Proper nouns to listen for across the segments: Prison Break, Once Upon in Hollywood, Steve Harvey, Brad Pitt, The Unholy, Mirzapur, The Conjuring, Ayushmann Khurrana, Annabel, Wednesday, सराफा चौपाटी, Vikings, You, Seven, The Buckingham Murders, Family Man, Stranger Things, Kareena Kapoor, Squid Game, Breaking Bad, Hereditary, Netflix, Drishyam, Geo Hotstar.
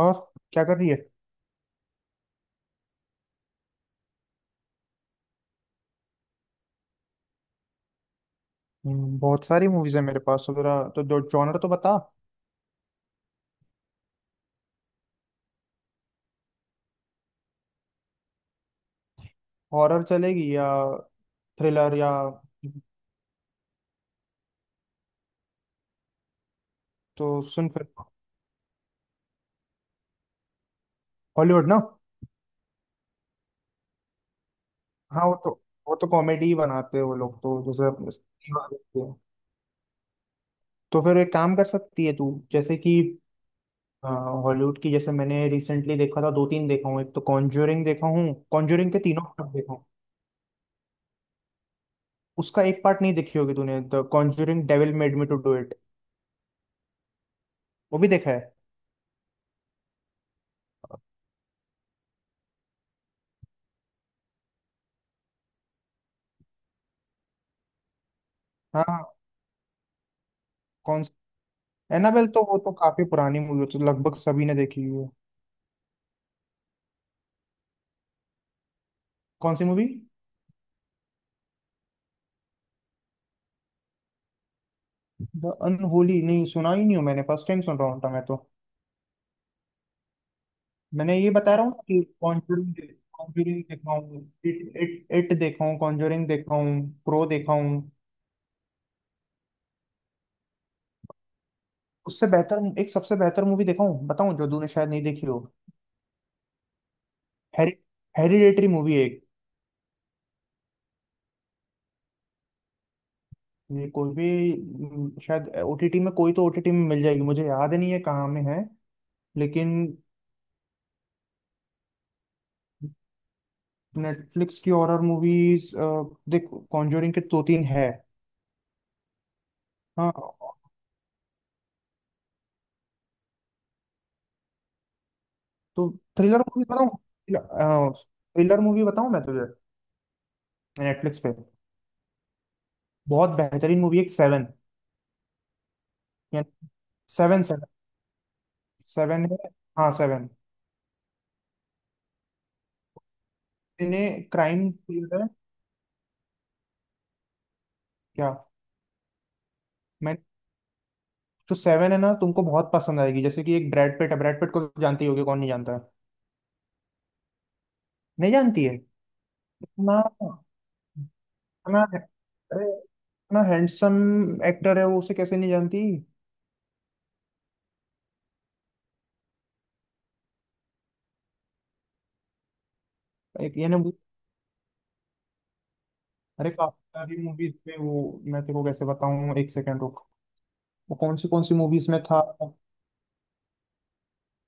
और क्या कर रही है? बहुत सारी मूवीज है मेरे पास वगैरह, तो जो जॉनर तो बता। हॉरर चलेगी या थ्रिलर? या तो सुन फिर, हॉलीवुड ना। हाँ, वो तो कॉमेडी ही बनाते हैं वो लोग, तो जैसे अपने Steve Harvey के। तो फिर एक काम कर सकती है तू, जैसे कि हॉलीवुड की, जैसे मैंने रिसेंटली देखा था दो तीन देखा हूँ। एक तो कॉन्ज्यूरिंग देखा हूँ, कॉन्ज्यूरिंग के तीनों पार्ट देखा हूँ। उसका एक पार्ट नहीं देखी होगी तूने, the conjuring devil made me to do it. वो भी देखा है। हाँ। कौन? एनाबेल तो वो तो काफी पुरानी मूवी, तो लगभग सभी ने देखी हुई है। कौन सी मूवी? द अनहोली नहीं सुना, ही नहीं हूँ मैंने, फर्स्ट टाइम सुन रहा हूँ मैं तो। मैंने ये बता रहा हूँ कि कॉन्जरिंग, कॉन्जरिंग देखा हूँ, इट इट इट देखा हूँ, कॉन्जरिंग देखा हूँ, प्रो देखा हूँ। उससे बेहतर एक सबसे बेहतर मूवी देखा हूँ, बताऊँ जो तूने शायद नहीं देखी हो। हेरि हेरिडेटरी मूवी है एक। ये कोई भी शायद ओटीटी में, कोई तो ओटीटी में मिल जाएगी, मुझे याद नहीं है कहाँ में है लेकिन। नेटफ्लिक्स की हॉरर मूवीज देख, कॉन्जोरिंग के दो तीन है। हाँ, तो थ्रिलर मूवी बताऊँ? मैं तुझे नेटफ्लिक्स पे बहुत बेहतरीन मूवी है, सेवन। यानी सेवन सेवन। सेवन है, हाँ सेवन। इन्हें क्राइम थ्रिलर है। क्या? मैं जो सेवन है ना, तुमको बहुत पसंद आएगी। जैसे कि एक ब्रैड पिट है, ब्रैड पिट को तो जानती होगी, कौन नहीं जानता है। नहीं जानती है? इतना इतना अरे इतना हैंडसम एक्टर है वो, उसे कैसे नहीं जानती? एक ये ना वो- अरे काफी सारी मूवीज पे वो, मैं तेरे को कैसे बताऊं, एक सेकंड रुक। वो कौन सी मूवीज में था?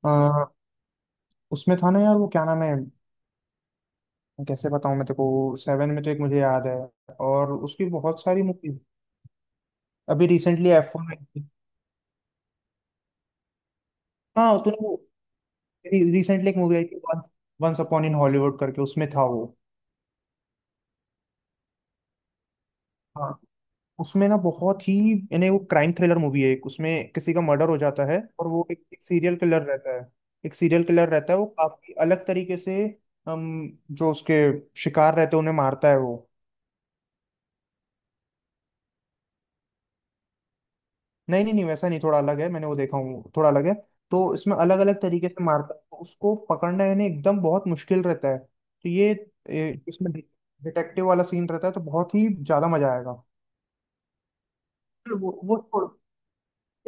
अ, उसमें था ना यार, वो क्या नाम है? कैसे बताऊं मैं तेरे को, सेवन में तो एक मुझे याद है, और उसकी बहुत सारी मूवीज। अभी रिसेंटली F1 आई थी। हाँ तूने वो, रिसेंटली एक मूवी आई थी वंस अपॉन इन हॉलीवुड करके, उसमें था वो। हाँ उसमें ना बहुत ही, यानी वो क्राइम थ्रिलर मूवी है। एक उसमें किसी का मर्डर हो जाता है, और वो एक सीरियल किलर रहता है। एक सीरियल किलर रहता है, वो काफी अलग तरीके से, हम जो उसके शिकार रहते हैं उन्हें मारता है वो। नहीं नहीं नहीं वैसा नहीं, थोड़ा अलग है, मैंने वो देखा हूँ, थोड़ा अलग है। तो इसमें अलग अलग तरीके से मारता है, तो उसको पकड़ना यानी एकदम बहुत मुश्किल रहता है, तो ये इसमें डिटेक्टिव वाला सीन रहता है, तो बहुत ही ज्यादा मजा आएगा। वो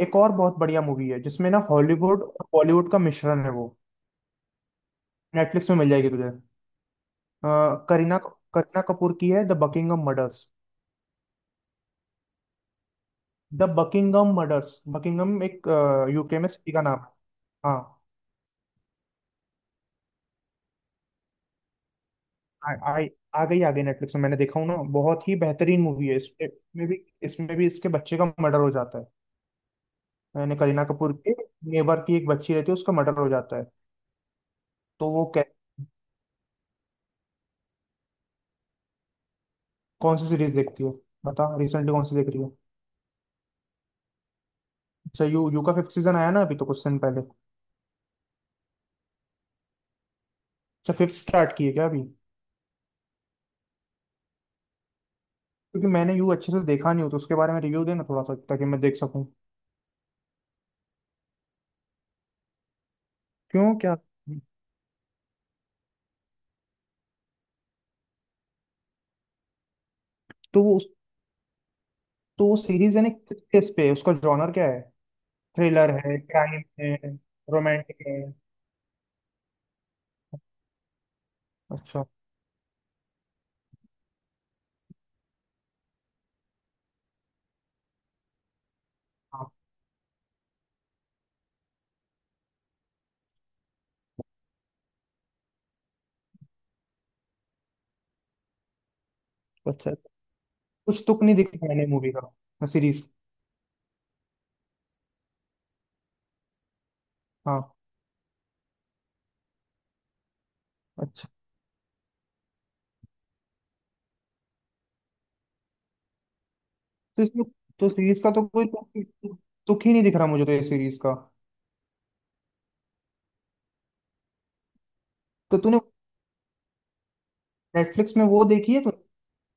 एक और बहुत बढ़िया मूवी है, जिसमें ना हॉलीवुड और बॉलीवुड का मिश्रण है वो। नेटफ्लिक्स में मिल जाएगी तुझे। अ, करीना करीना कपूर की है, the Buckingham murders. The Buckingham murders, Buckingham एक यूके में सिटी का नाम है। हाँ। आ, आ, आ गई नेटफ्लिक्स में, मैंने देखा हूँ ना, बहुत ही बेहतरीन मूवी है। इसमें इसमें भी इसके बच्चे का मर्डर हो जाता है। यानी करीना कपूर के नेबर की एक बच्ची रहती है, उसका मर्डर हो जाता है। तो वो कै, कौन सी सीरीज देखती है बता, रिसेंटली कौन सी देख रही है? अच्छा यू, यू का फिफ्थ सीजन आया ना अभी तो कुछ दिन पहले। अच्छा फिफ्थ स्टार्ट की है क्या अभी? क्योंकि मैंने यू अच्छे से देखा नहीं, हो तो उसके बारे में रिव्यू देना थोड़ा सा, ताकि मैं देख सकूं। क्यों क्या? तो वो उस तो वो सीरीज है ना, किस किस पे है? उसका जॉनर क्या है? थ्रिलर है, क्राइम है, रोमांटिक है? अच्छा। हाँ। अच्छा, कुछ तुक नहीं दिखा मैंने मूवी का, सीरीज। हाँ। अच्छा, तो इसमें तो सीरीज का तो कोई तुक ही नहीं दिख रहा मुझे तो, ये सीरीज का। तो तूने नेटफ्लिक्स में वो देखी है, तो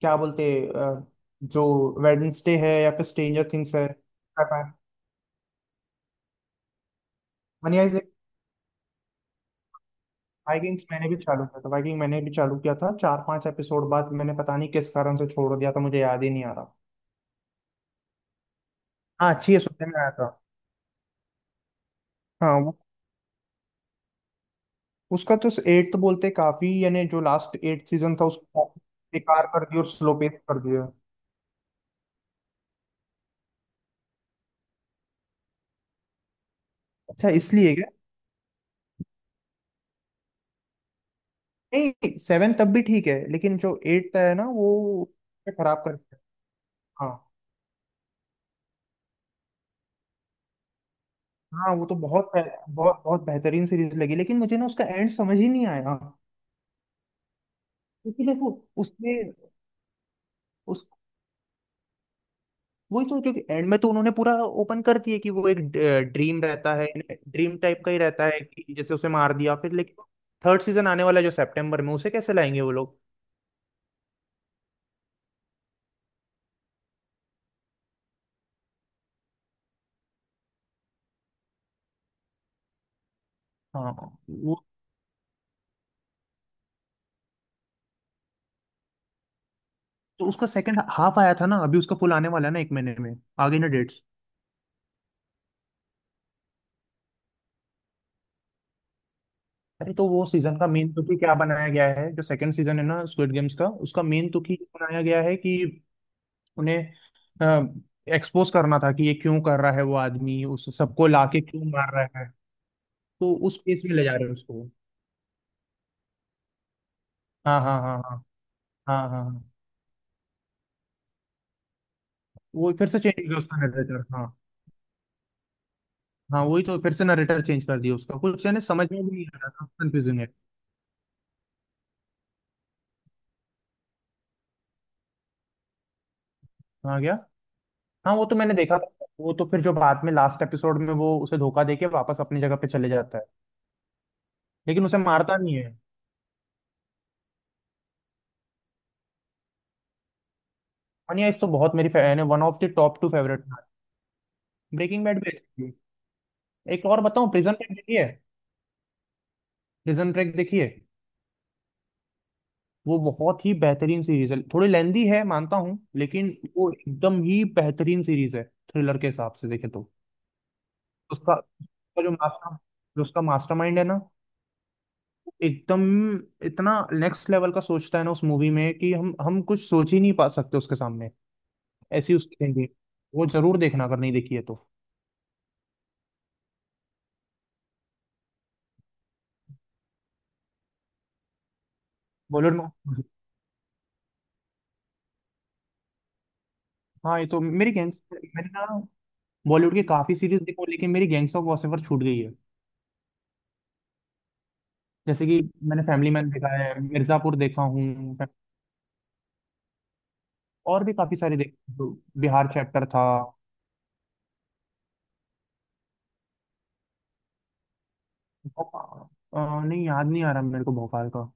क्या बोलते हैं, जो वेडनेसडे है या फिर स्ट्रेंजर थिंग्स है? मनी वाइकिंग्स मैंने भी चालू किया था, 4 5 एपिसोड बाद मैंने पता नहीं किस कारण से छोड़ दिया था, मुझे याद ही नहीं आ रहा। हाँ अच्छी है सुनने में आया था। हाँ वो, उसका तो एट्थ बोलते काफी, यानी जो लास्ट एट सीजन था उसको काफी बेकार कर दिया, और स्लो पेस कर दिया। अच्छा, इसलिए क्या? नहीं सेवन तब भी ठीक है, लेकिन जो एट्थ है ना, वो उसे खराब कर दिया। हाँ हाँ, वो तो बहुत बहुत बहुत बेहतरीन सीरीज लगी, लेकिन मुझे ना उसका एंड समझ ही नहीं आया। क्योंकि देखो उसमें उस वही तो, क्योंकि एंड में तो उन्होंने पूरा ओपन कर दिया कि वो एक ड्रीम रहता है, ड्रीम टाइप का ही रहता है, कि जैसे उसे मार दिया फिर, लेकिन थर्ड सीजन आने वाला है जो सितंबर में, उसे कैसे लाएंगे वो लोग? हाँ वो तो, उसका सेकंड हाफ आया था ना, अभी उसका फुल आने वाला है ना एक महीने में, आ गई ना डेट्स। अरे तो वो सीजन का मेन तुकी क्या बनाया गया है, जो सेकंड सीजन है ना स्क्विड गेम्स का, उसका मेन तुकी ये बनाया गया है कि उन्हें एक्सपोज करना था कि ये क्यों कर रहा है वो आदमी, उस सबको लाके क्यों मार रहा है। तो उस पेस में ले जा रहे हैं उसको। हाँ हाँ हाँ हाँ। हाँ हाँ हाँ। वो फिर से चेंज हो गया उसका नरेटर, हाँ। हाँ वही तो, फिर से नरेटर चेंज कर दिया उसका कुछ, यानी समझ में भी नहीं आ रहा था, कंफ्यूजिंग है। हाँ क्या? हाँ वो तो मैंने देखा था। वो तो फिर जो बाद में लास्ट एपिसोड में, वो उसे धोखा देके वापस अपनी जगह पे चले जाता है, लेकिन उसे मारता नहीं है। मनिया इस तो बहुत मेरी फैन है, one of the top two favourite. Breaking bad भी अच्छी है। एक और बताऊं, प्रिजन ब्रेक देखिए। प्रिजन ब्रेक देखिए, वो बहुत ही बेहतरीन सीरीज है, थोड़ी लेंदी है मानता हूँ लेकिन वो एकदम ही बेहतरीन सीरीज है, थ्रिलर के हिसाब से देखे तो। उसका उसका जो मास्टर, जो उसका मास्टरमाइंड है ना, वो एकदम इतना नेक्स्ट लेवल का सोचता है ना उस मूवी में, कि हम कुछ सोच ही नहीं पा सकते उसके सामने, ऐसी उसकी थिंकिंग। वो जरूर देखना अगर नहीं देखी है तो। बॉलीवुड में हाँ, ये तो मेरी गैंग्स मैंने ना, बॉलीवुड की काफी सीरीज देखो, लेकिन मेरी गैंग्स ऑफ वासेवर छूट गई है। जैसे कि मैंने फैमिली मैन देखा है, मिर्जापुर देखा हूँ, और भी काफी सारे देखे, बिहार चैप्टर था। भोपाल- नहीं याद नहीं आ रहा मेरे को भोपाल का।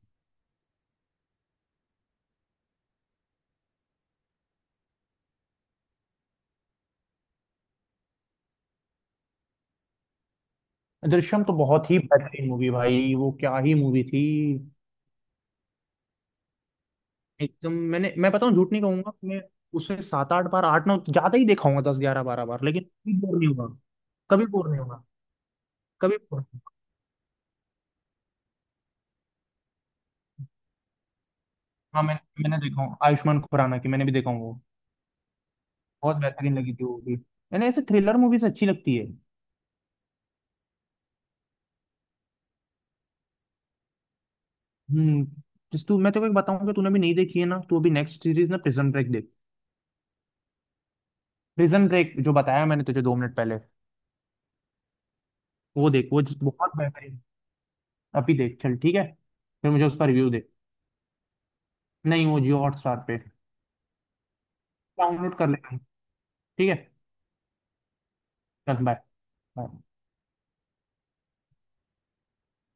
दृश्यम तो बहुत ही बेहतरीन मूवी भाई, वो क्या ही मूवी थी। एकदम मैंने, मैं बताऊं, झूठ नहीं कहूंगा मैं, उसे 7 8 बार, 8 9, ज्यादा ही देखा होगा, 10 11 12 बार, लेकिन कभी बोर नहीं हुआ, कभी बोर नहीं हुआ, कभी बोर नहीं हुआ। हाँ मैंने देखा हूँ, आयुष्मान खुराना की, मैंने भी देखा हूँ वो, बहुत बेहतरीन लगी थी वो भी। मैंने ऐसे थ्रिलर मूवीज अच्छी लगती है। हम्म। जिस तू, मैं तेरे को एक बताऊं कि तूने भी नहीं देखी है ना, तू अभी नेक्स्ट सीरीज ना प्रिजन ब्रेक देख। प्रिजन ब्रेक जो बताया मैंने तुझे 2 मिनट पहले, वो देख। बहुत बेहतरीन। अभी देख, चल ठीक है, फिर मुझे उसका रिव्यू दे। नहीं, वो जियो हॉटस्टार पे, डाउनलोड कर लेना, ठीक है। चल, बाय।